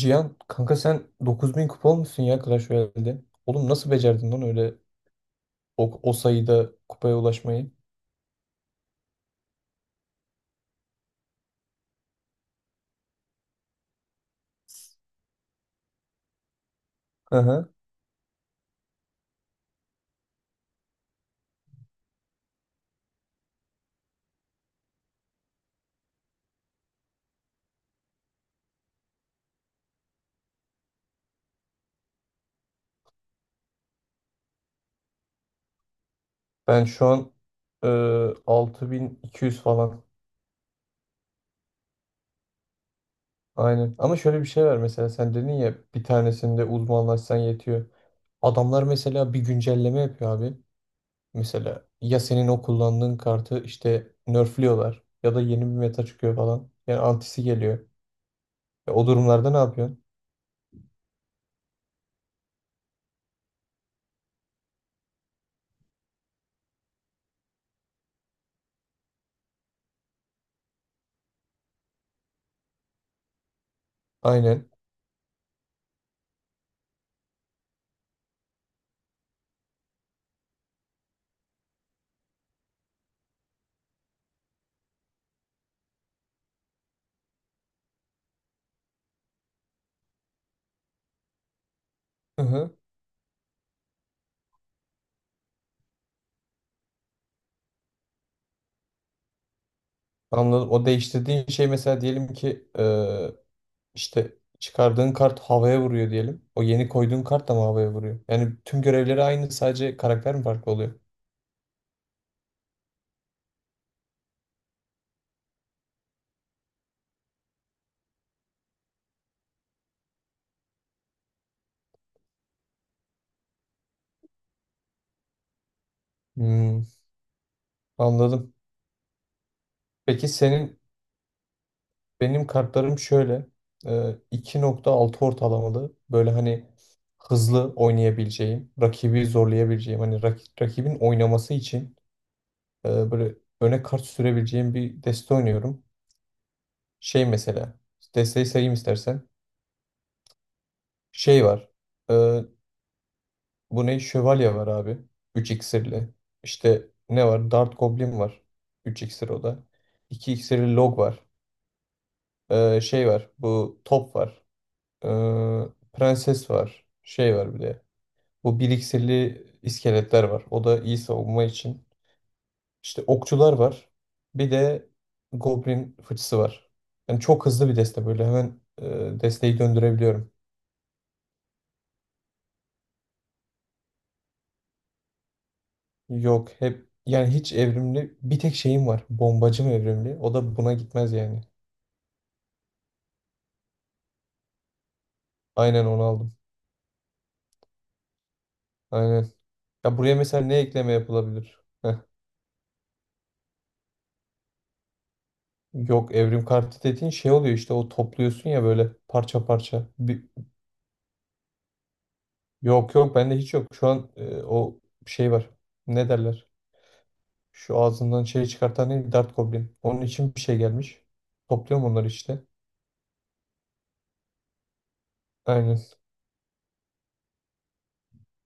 Cihan kanka sen 9000 kupa olmuşsun ya Clash Royale'de. Oğlum nasıl becerdin lan öyle o sayıda kupaya ulaşmayı? Hı hı. Ben şu an e, 6200 falan. Aynen. Ama şöyle bir şey var, mesela sen dedin ya bir tanesinde uzmanlaşsan yetiyor. Adamlar mesela bir güncelleme yapıyor abi. Mesela ya senin o kullandığın kartı işte nerfliyorlar ya da yeni bir meta çıkıyor falan. Yani antisi geliyor. O durumlarda ne yapıyorsun? Aynen. Hı hı. Anladım. O değiştirdiğin şey, mesela diyelim ki, işte çıkardığın kart havaya vuruyor diyelim. O yeni koyduğun kart da mı havaya vuruyor? Yani tüm görevleri aynı, sadece karakter mi farklı oluyor? Hmm, anladım. Peki senin. Benim kartlarım şöyle, 2.6 ortalamalı böyle, hani hızlı oynayabileceğim, rakibi zorlayabileceğim, hani rakibin oynaması için böyle öne kart sürebileceğim bir deste oynuyorum. Şey, mesela desteği sayayım istersen. Şey var, e, bu ne, şövalye var abi, 3 iksirli. İşte ne var, Dart Goblin var, 3 iksir o da. 2 iksirli Log var. Şey var, bu top var. Ee, prenses var. Şey var bir de. Bu bir iksirli iskeletler var. O da iyi savunma için. İşte okçular var. Bir de goblin fıçısı var. Yani çok hızlı bir deste böyle. Hemen desteği döndürebiliyorum. Yok, hep yani hiç evrimli bir tek şeyim var. Bombacım evrimli. O da buna gitmez yani. Aynen, onu aldım. Aynen. Ya buraya mesela ne ekleme yapılabilir? Heh. Yok, evrim kartı dediğin şey oluyor işte, o topluyorsun ya böyle parça parça. Bir, yok yok, bende hiç yok. Şu an o şey var. Ne derler? Şu ağzından şey çıkartan ne? Dart Goblin. Onun için bir şey gelmiş. Topluyorum onları işte. Aynen.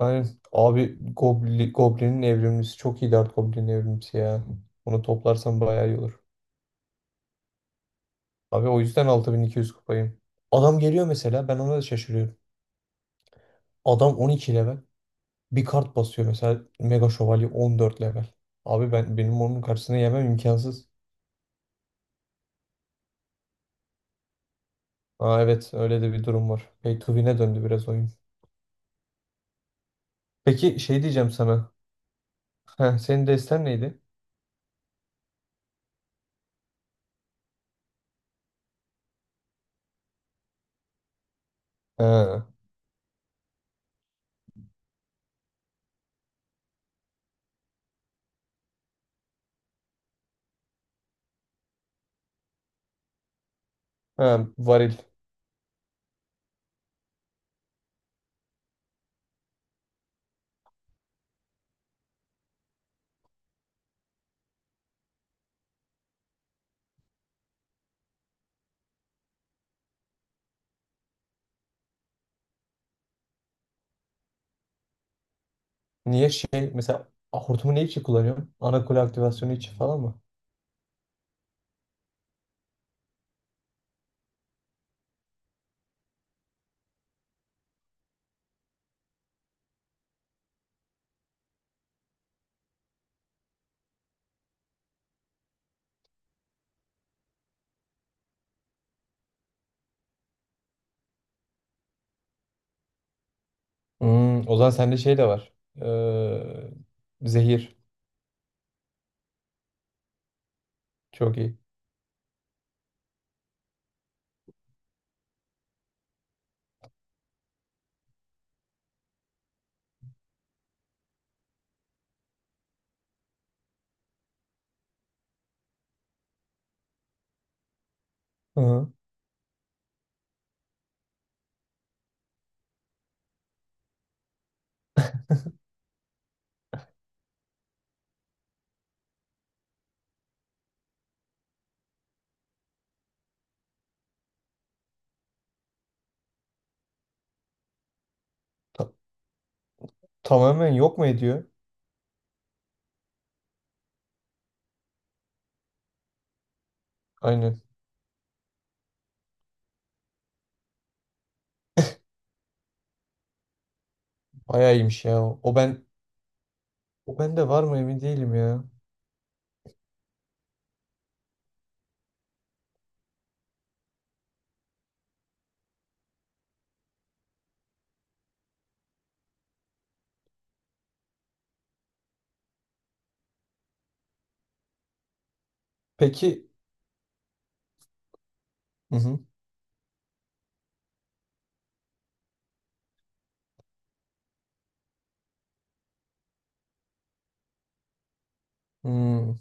Aynen. Abi Goblin, Goblin'in evrimlisi çok iyi, Dart Goblin'in evrimlisi ya. Onu toplarsam bayağı iyi olur. Abi o yüzden 6.200 kupayım. Adam geliyor mesela, ben ona da şaşırıyorum. Adam 12 level. Bir kart basıyor mesela, Mega Şövalye 14 level. Abi ben, benim onun karşısına yemem imkansız. Aa, evet, öyle de bir durum var. Pay to win'e döndü biraz oyun. Peki şey diyeceğim sana. Heh, senin desten neydi? Ha, ha, varil. Niye şey mesela, a, hortumu ne için kullanıyorsun? Ana kule aktivasyonu için falan mı? Hmm, o zaman sende şey de var. Zehir. Çok iyi. Hı hı. Ta- tamamen yok mu ediyor? Aynen. Bayağı iyiymiş ya. O ben o bende var mı emin değilim ya. Peki. Hı hı. Hmm,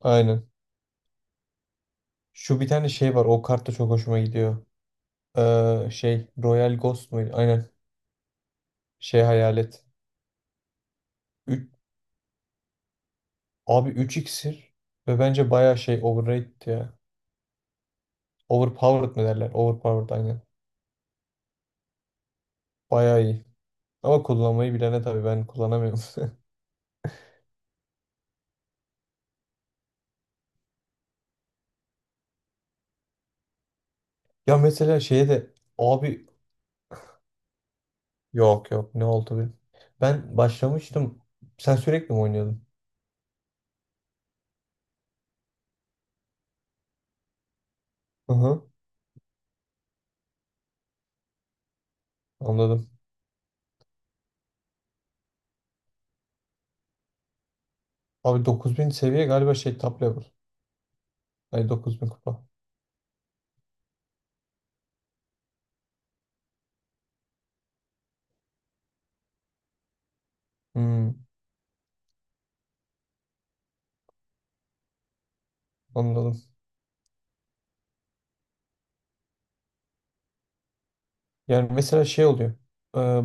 aynen. Şu bir tane şey var. O kart da çok hoşuma gidiyor. Şey, Royal Ghost muydu? Aynen. Şey, hayalet. Üç, abi 3 iksir ve bence baya şey, overrated ya. Overpowered mı derler? Overpowered, aynen. Baya iyi. Ama kullanmayı bilene tabii, ben kullanamıyorum. Ya mesela şeye de, abi, yok yok, ne oldu benim? Ben başlamıştım. Sen sürekli mi oynuyordun? Hı hı. Anladım. Abi 9.000 seviye galiba, şey, top level. Hayır, 9.000 kupa. Hmm, anladım. Yani mesela şey oluyor. Ee,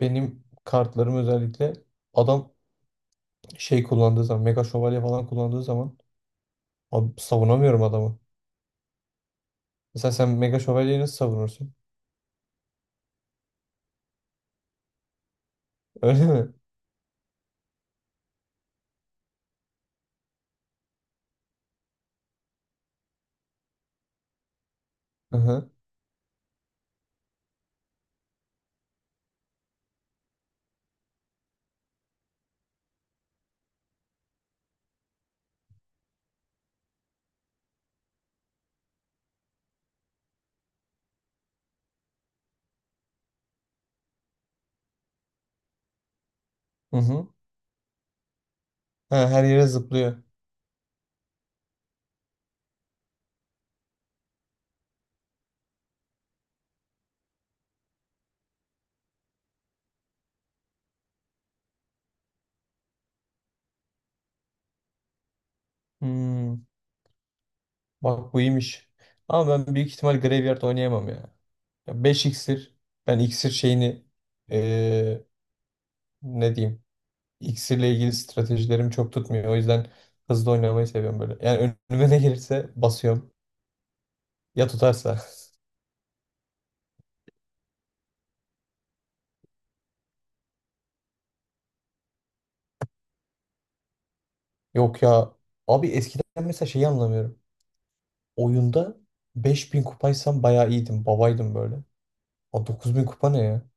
benim kartlarım özellikle, adam şey kullandığı zaman, Mega Şövalye falan kullandığı zaman, abi savunamıyorum adamı. Mesela sen Mega Şövalyeyi nasıl savunursun? Öyle mi? Hı hı. Hı hı. Ha, her yere zıplıyor. Hmm, bak bu iyiymiş. Ama ben büyük ihtimal Graveyard oynayamam ya. Ya 5 iksir. Ben iksir şeyini eee, ne diyeyim? İksirle ilgili stratejilerim çok tutmuyor. O yüzden hızlı oynamayı seviyorum böyle. Yani önüme ne gelirse basıyorum. Ya tutarsa. Yok ya. Abi eskiden mesela şeyi anlamıyorum. Oyunda 5.000 kupaysam bayağı iyiydim. Babaydım böyle. Aa, 9.000 kupa ne ya?